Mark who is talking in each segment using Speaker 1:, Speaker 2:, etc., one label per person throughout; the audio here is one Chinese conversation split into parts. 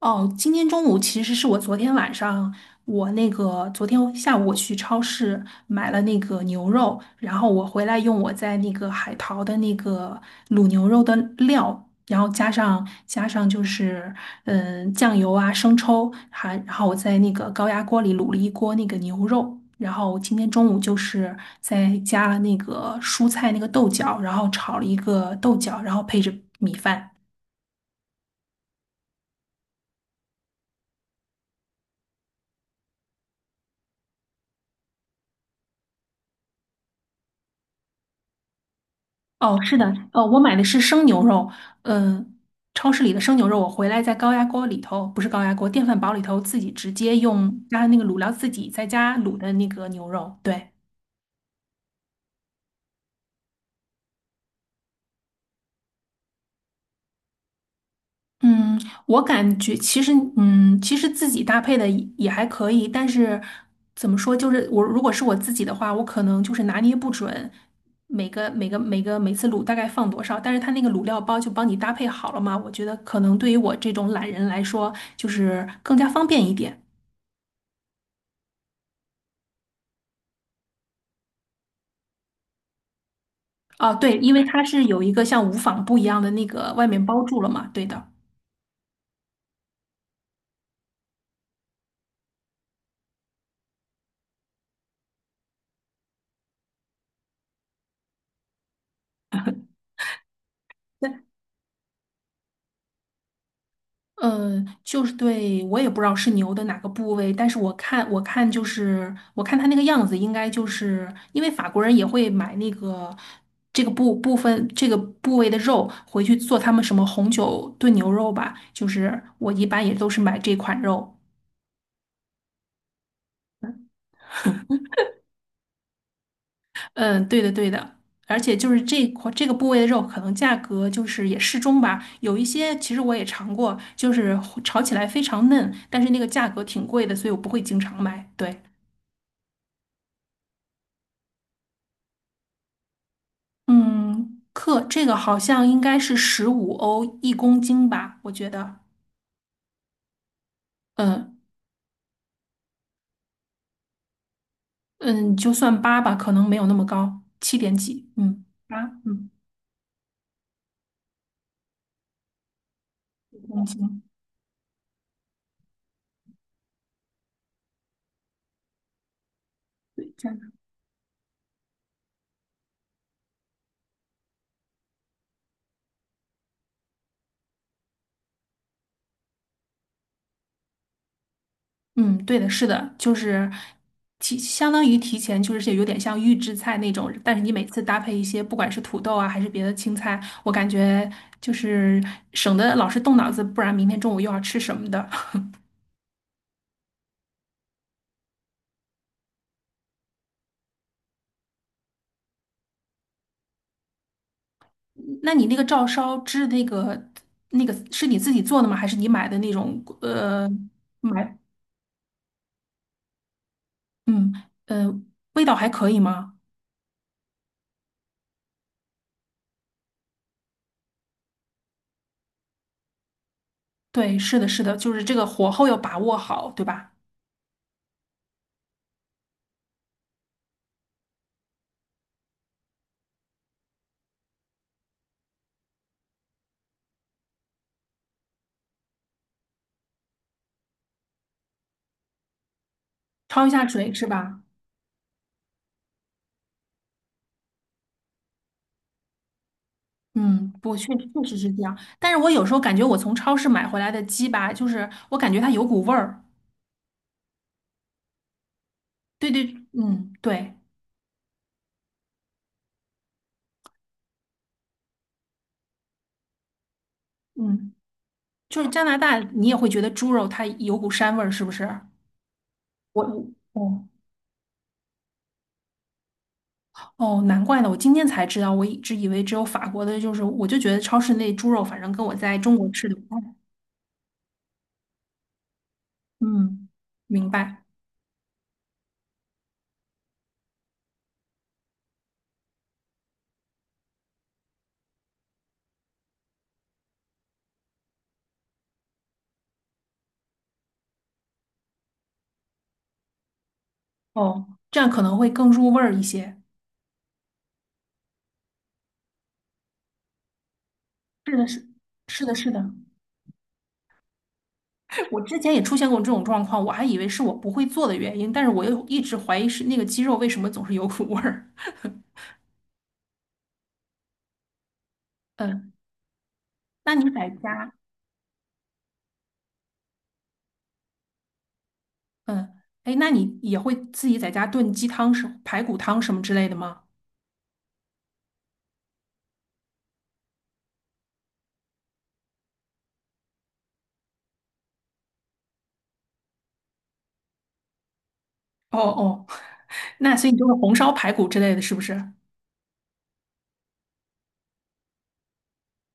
Speaker 1: 哦，今天中午其实是我昨天晚上，我那个昨天下午我去超市买了那个牛肉，然后我回来用我在那个海淘的那个卤牛肉的料，然后加上就是酱油啊生抽，然后我在那个高压锅里卤了一锅那个牛肉，然后今天中午就是再加了那个蔬菜那个豆角，然后炒了一个豆角，然后配着米饭。哦，是的，我买的是生牛肉，嗯、超市里的生牛肉，我回来在高压锅里头，不是高压锅，电饭煲里头自己直接用加上那个卤料自己在家卤的那个牛肉，对。嗯，我感觉其实，其实自己搭配的也还可以，但是怎么说，就是我如果是我自己的话，我可能就是拿捏不准每次卤大概放多少，但是它那个卤料包就帮你搭配好了嘛，我觉得可能对于我这种懒人来说，就是更加方便一点。啊，对，因为它是有一个像无纺布一样的那个外面包住了嘛，对的。对，就是对，我也不知道是牛的哪个部位，但是我看，我看它那个样子，应该就是因为法国人也会买那个这个部部分这个部位的肉回去做他们什么红酒炖牛肉吧，就是我一般也都是买这款肉。嗯，对的，而且就是这块这个部位的肉，可能价格就是也适中吧。有一些其实我也尝过，就是炒起来非常嫩，但是那个价格挺贵的，所以我不会经常买。对，嗯，克这个好像应该是15欧一公斤吧，我觉得。嗯嗯，就算八吧，可能没有那么高，七点几，嗯，八，嗯，一公斤，对，嗯，对的，是的，就是相当于提前，就是有点像预制菜那种，但是你每次搭配一些，不管是土豆啊还是别的青菜，我感觉就是省得老是动脑子，不然明天中午又要吃什么的。那你那个照烧汁那个是你自己做的吗？还是你买的那种买嗯呃味道还可以吗？对，是的,就是这个火候要把握好，对吧？焯一下水是吧？嗯，不，确实是这样。但是我有时候感觉我从超市买回来的鸡吧，就是我感觉它有股味儿。对，嗯，就是加拿大，你也会觉得猪肉它有股膻味儿，是不是？我，哦哦，难怪呢，我今天才知道，我一直以为只有法国的，就是我就觉得超市那猪肉，反正跟我在中国吃的不太，嗯，明白。哦，这样可能会更入味儿一些。是的，是是的，是的。我之前也出现过这种状况，我还以为是我不会做的原因，但是我又一直怀疑是那个鸡肉为什么总是有股味儿。嗯，那你在家，嗯，哎，那你也会自己在家炖鸡汤什、排骨汤什么之类的吗？哦哦，那所以你就是红烧排骨之类的，是不是？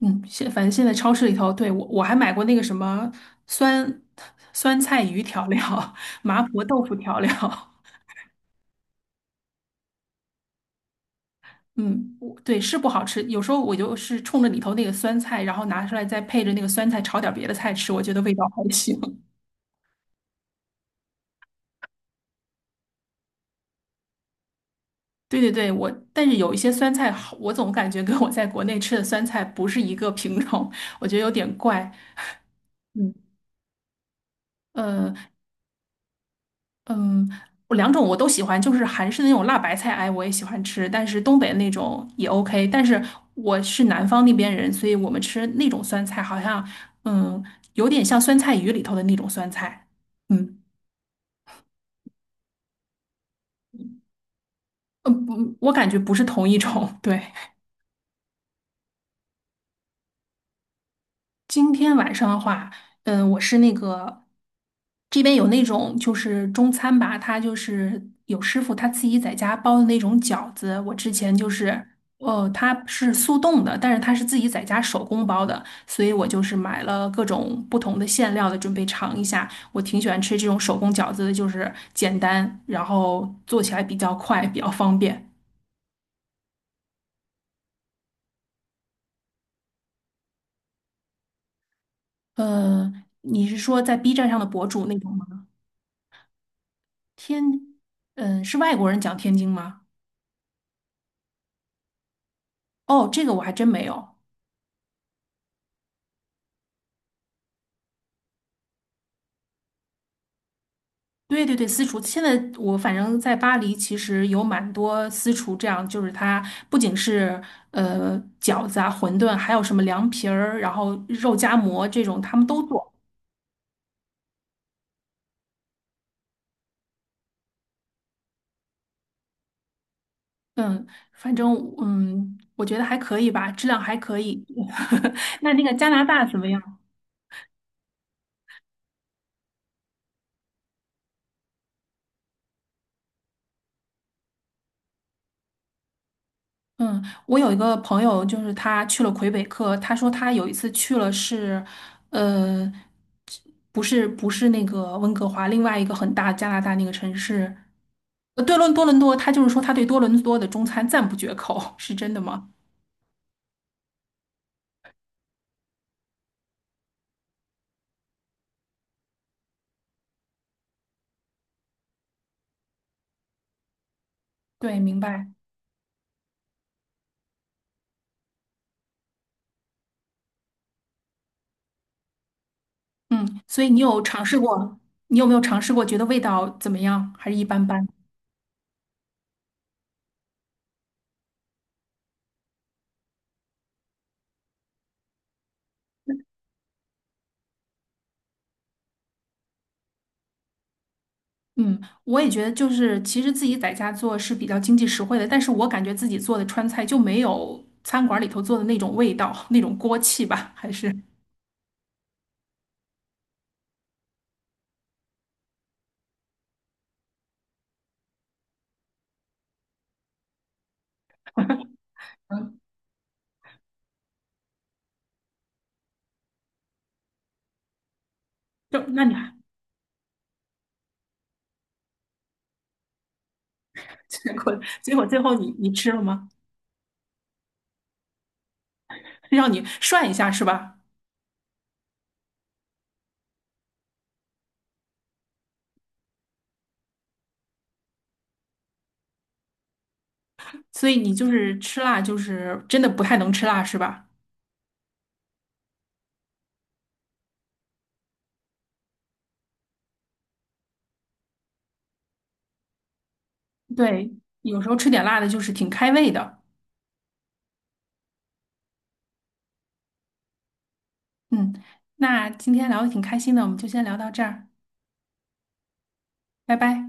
Speaker 1: 嗯，反正现在超市里头，对，我还买过那个什么酸酸菜鱼调料、麻婆豆腐调料。嗯，我是不好吃，有时候我就是冲着里头那个酸菜，然后拿出来再配着那个酸菜炒点别的菜吃，我觉得味道还行。对对对，我但是有一些酸菜好，我总感觉跟我在国内吃的酸菜不是一个品种，我觉得有点怪。嗯呃嗯，我两种我都喜欢，就是韩式的那种辣白菜，哎，我也喜欢吃，但是东北那种也 OK。但是我是南方那边人，所以我们吃那种酸菜好像嗯有点像酸菜鱼里头的那种酸菜。嗯。嗯，不，我感觉不是同一种。对，今天晚上的话，我是那个这边有那种就是中餐吧，他就是有师傅他自己在家包的那种饺子。我之前就是，他是速冻的，但是他是自己在家手工包的，所以我就是买了各种不同的馅料的，准备尝一下。我挺喜欢吃这种手工饺子的，就是简单，然后做起来比较快，比较方便。呃，你是说在 B 站上的博主那种吗？天，嗯，是外国人讲天津吗？哦，这个我还真没有。对对对，私厨。现在反正在巴黎，其实有蛮多私厨，这样就是它不仅是饺子啊、馄饨，还有什么凉皮儿，然后肉夹馍这种，他们都做。嗯，反正嗯，我觉得还可以吧，质量还可以。那那个加拿大怎么样？嗯，我有一个朋友，就是他去了魁北克，他说他有一次去了是，呃，不是那个温哥华，另外一个很大加拿大那个城市，呃，伦多，他就是说他对多伦多的中餐赞不绝口，是真的吗？对，明白。嗯，所以你有尝试过，你有没有尝试过，觉得味道怎么样，还是一般般？嗯，我也觉得就是，其实自己在家做是比较经济实惠的，但是我感觉自己做的川菜就没有餐馆里头做的那种味道，那种锅气吧，还是，嗯，就那你还 结果最后你吃了吗？让你涮一下是吧？所以你就是吃辣，就是真的不太能吃辣是吧？对，有时候吃点辣的就是挺开胃的。嗯，那今天聊的挺开心的，我们就先聊到这儿，拜拜。